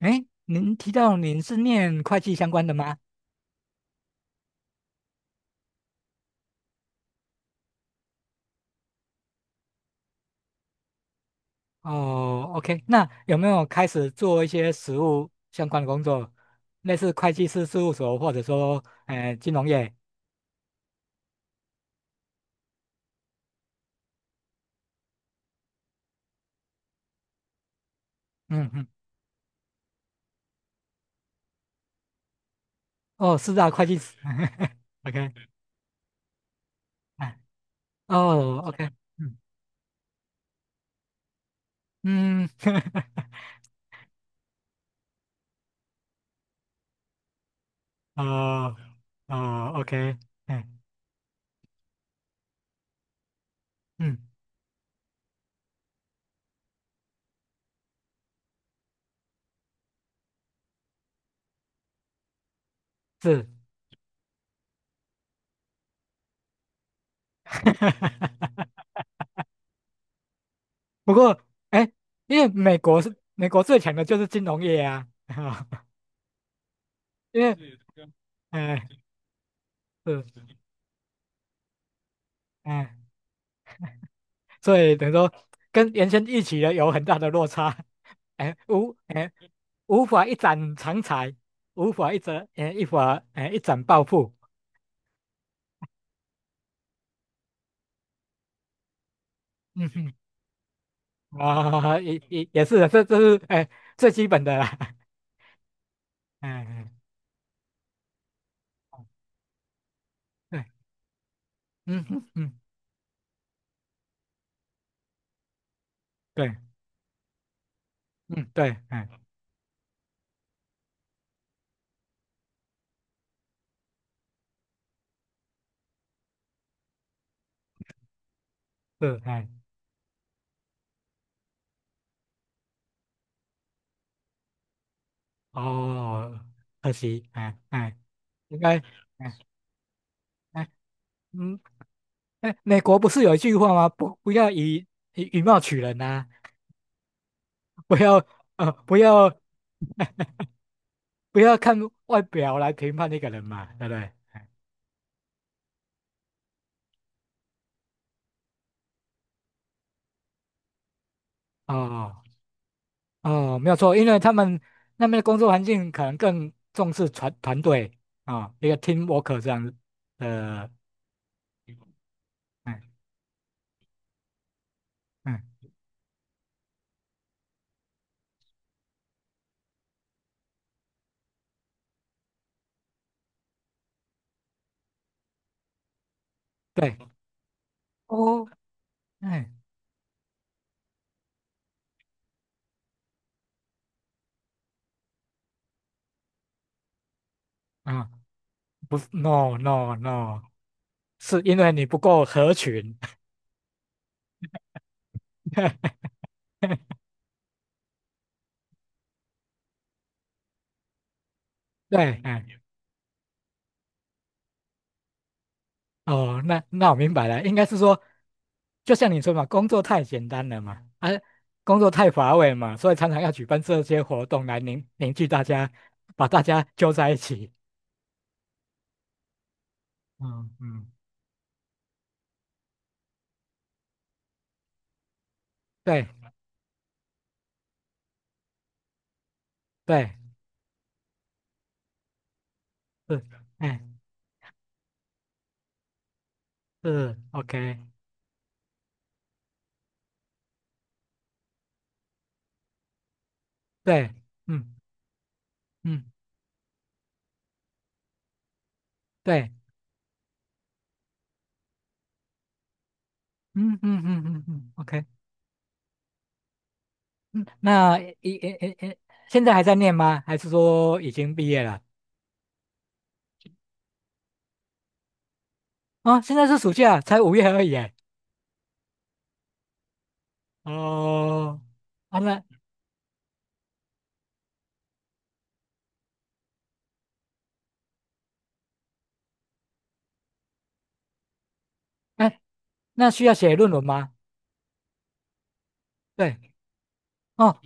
哎，您提到您是念会计相关的吗？哦，OK，那有没有开始做一些实务相关的工作，类似会计师事务所或者说金融业？嗯嗯，哦，是啊，会计师 ，OK，哎，哦，OK，嗯嗯，哦哦，OK，嗯嗯，是，不过哎，因为美国是美国最强的就是金融业啊，因为哎，是，哎。所以等于说跟原先一起的有很大的落差，哎，无法一展长才，无法一折哎一法哎一展抱负，嗯哼，啊也是的，这是哎最基本的啦，哎对，嗯哼嗯对嗯对哎是哎哦可惜哎哎应该哎哎嗯哎美国不是有一句话吗？不要以貌取人呐、不要。呃，不要不要看外表来评判一个人嘛，对不对？哎哦哦，没有错，因为他们那边的工作环境可能更重视团队啊，一个 team work 这样子的，嗯嗯，对，哦，哎啊，不，no no no,是因为你不够合群，对，哎哦，那我明白了，应该是说，就像你说嘛，工作太简单了嘛，啊，工作太乏味嘛，所以常常要举办这些活动来凝聚大家，把大家揪在一起。嗯嗯，对对，是，哎，是，OK,对，嗯嗯，对，嗯嗯嗯嗯嗯，OK,嗯，那一诶诶诶，现在还在念吗？还是说已经毕业了？啊、现在是暑假，才5月而已耶。哦，啊那。哎那需要写论文吗？对，哦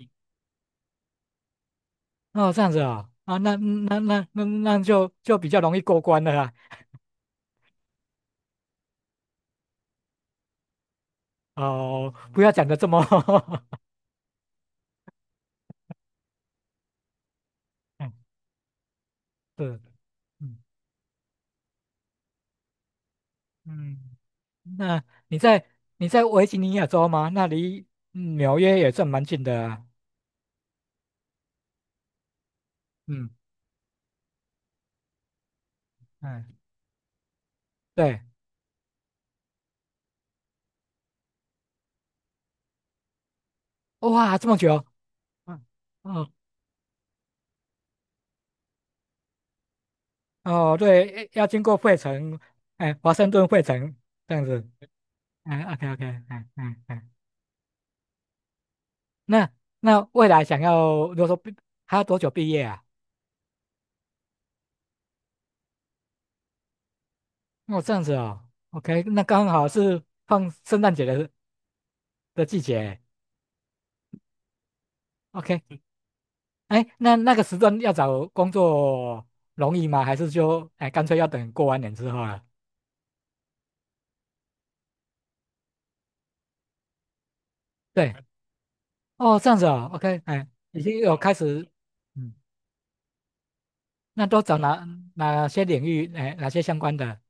哦，这样子啊、啊，那就比较容易过关了啦。哦，不要讲的这么 嗯，是，嗯嗯，那你在维吉尼亚州吗？那离纽约也算蛮近的啊嗯嗯，对，哇，这么久，嗯哦哦，对，要经过费城，哎，华盛顿费城这样子，哎，OK OK,哎哎哎。那那未来想要，如果说毕还要多久毕业啊？哦这样子哦，OK,那刚好是放圣诞节的季节，OK,哎，那个时段要找工作容易吗？还是说哎干脆要等过完年之后了？对，哦，这样子哦，OK,哎，已经有开始，嗯，那都找哪些领域，哎，哪些相关的？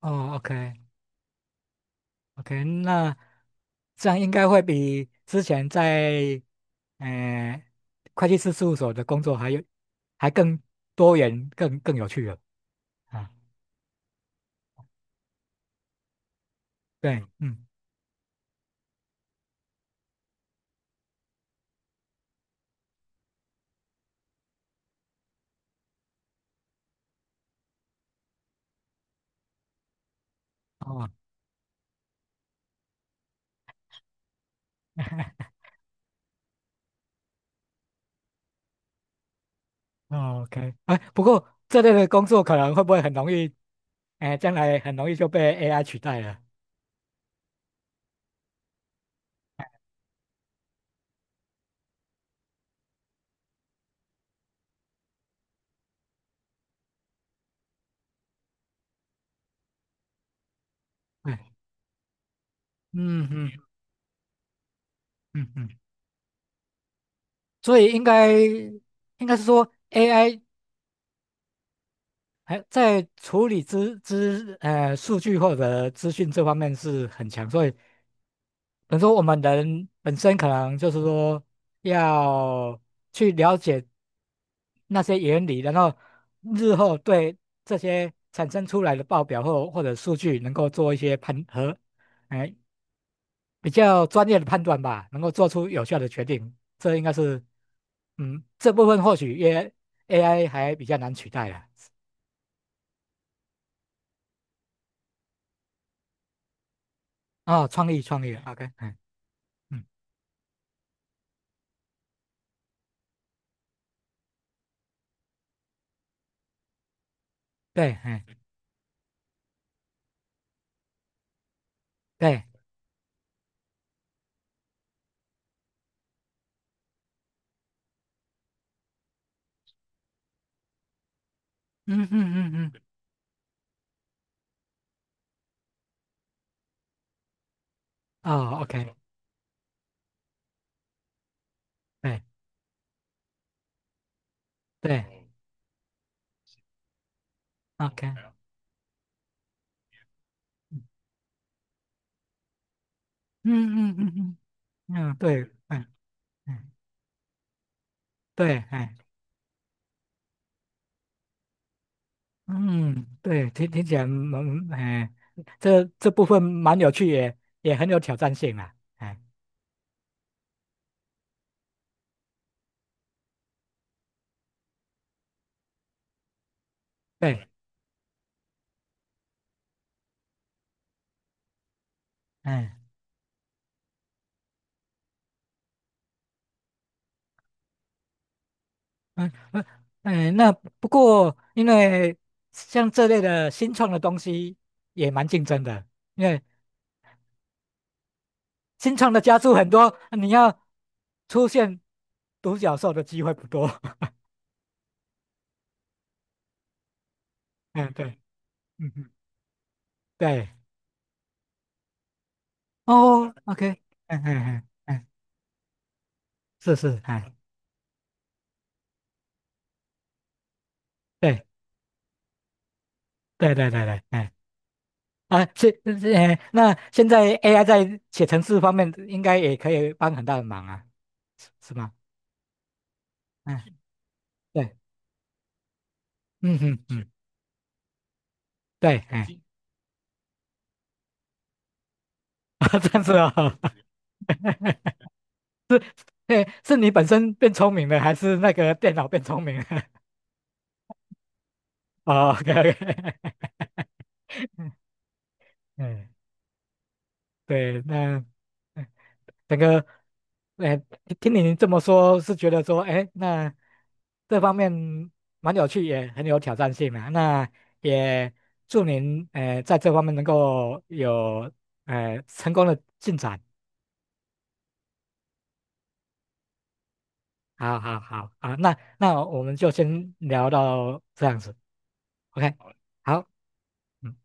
哦，OK。OK,那这样应该会比之前在呃会计师事务所的工作还更多元、更有趣了啊。对，嗯，哦 哦，OK,哎，不过这类的工作可能会不会很容易，哎，将来很容易就被 AI 取代了？对，嗯嗯嗯嗯，所以应该是说 AI 还在处理资资呃数据或者资讯这方面是很强，所以。等于说我们人本身可能就是说要去了解那些原理，然后日后对这些产生出来的报表或者数据能够做一些判和，哎，比较专业的判断吧，能够做出有效的决定。这应该是，嗯，这部分或许也 AI 还比较难取代了。哦，创意创意，OK,嗯嗯，对，嗯对，嗯嗯嗯嗯，哦，OK,对对，OK。嗯嗯嗯嗯，嗯，对，哎，哎，对，哎，嗯，对，听起来蛮，哎，这部分蛮有趣，也很有挑战性啦，哎，对，哎，嗯嗯，哎，那不过因为像这类的新创的东西也蛮竞争的，因为新创的家族很多，你要出现独角兽的机会不多，嗯，对，嗯嗯，对，哦，OK,嗯嗯嗯嗯，是是，哎。对。对对对对，哎啊，是是哎，那现在 AI 在写程式方面应该也可以帮很大的忙啊，是吗？嗯，对，嗯嗯嗯，对，哎，啊，这样子哦，哎，是你本身变聪明了，还是那个电脑变聪明了？哦，OK OK,嗯，对，那。整个，哎，听你这么说，是觉得说，哎，那这方面蛮有趣，也很有挑战性啊。那也祝您，哎，在这方面能够有，哎，成功的进展。好好好啊，那我们就先聊到这样子，OK,好。嗯。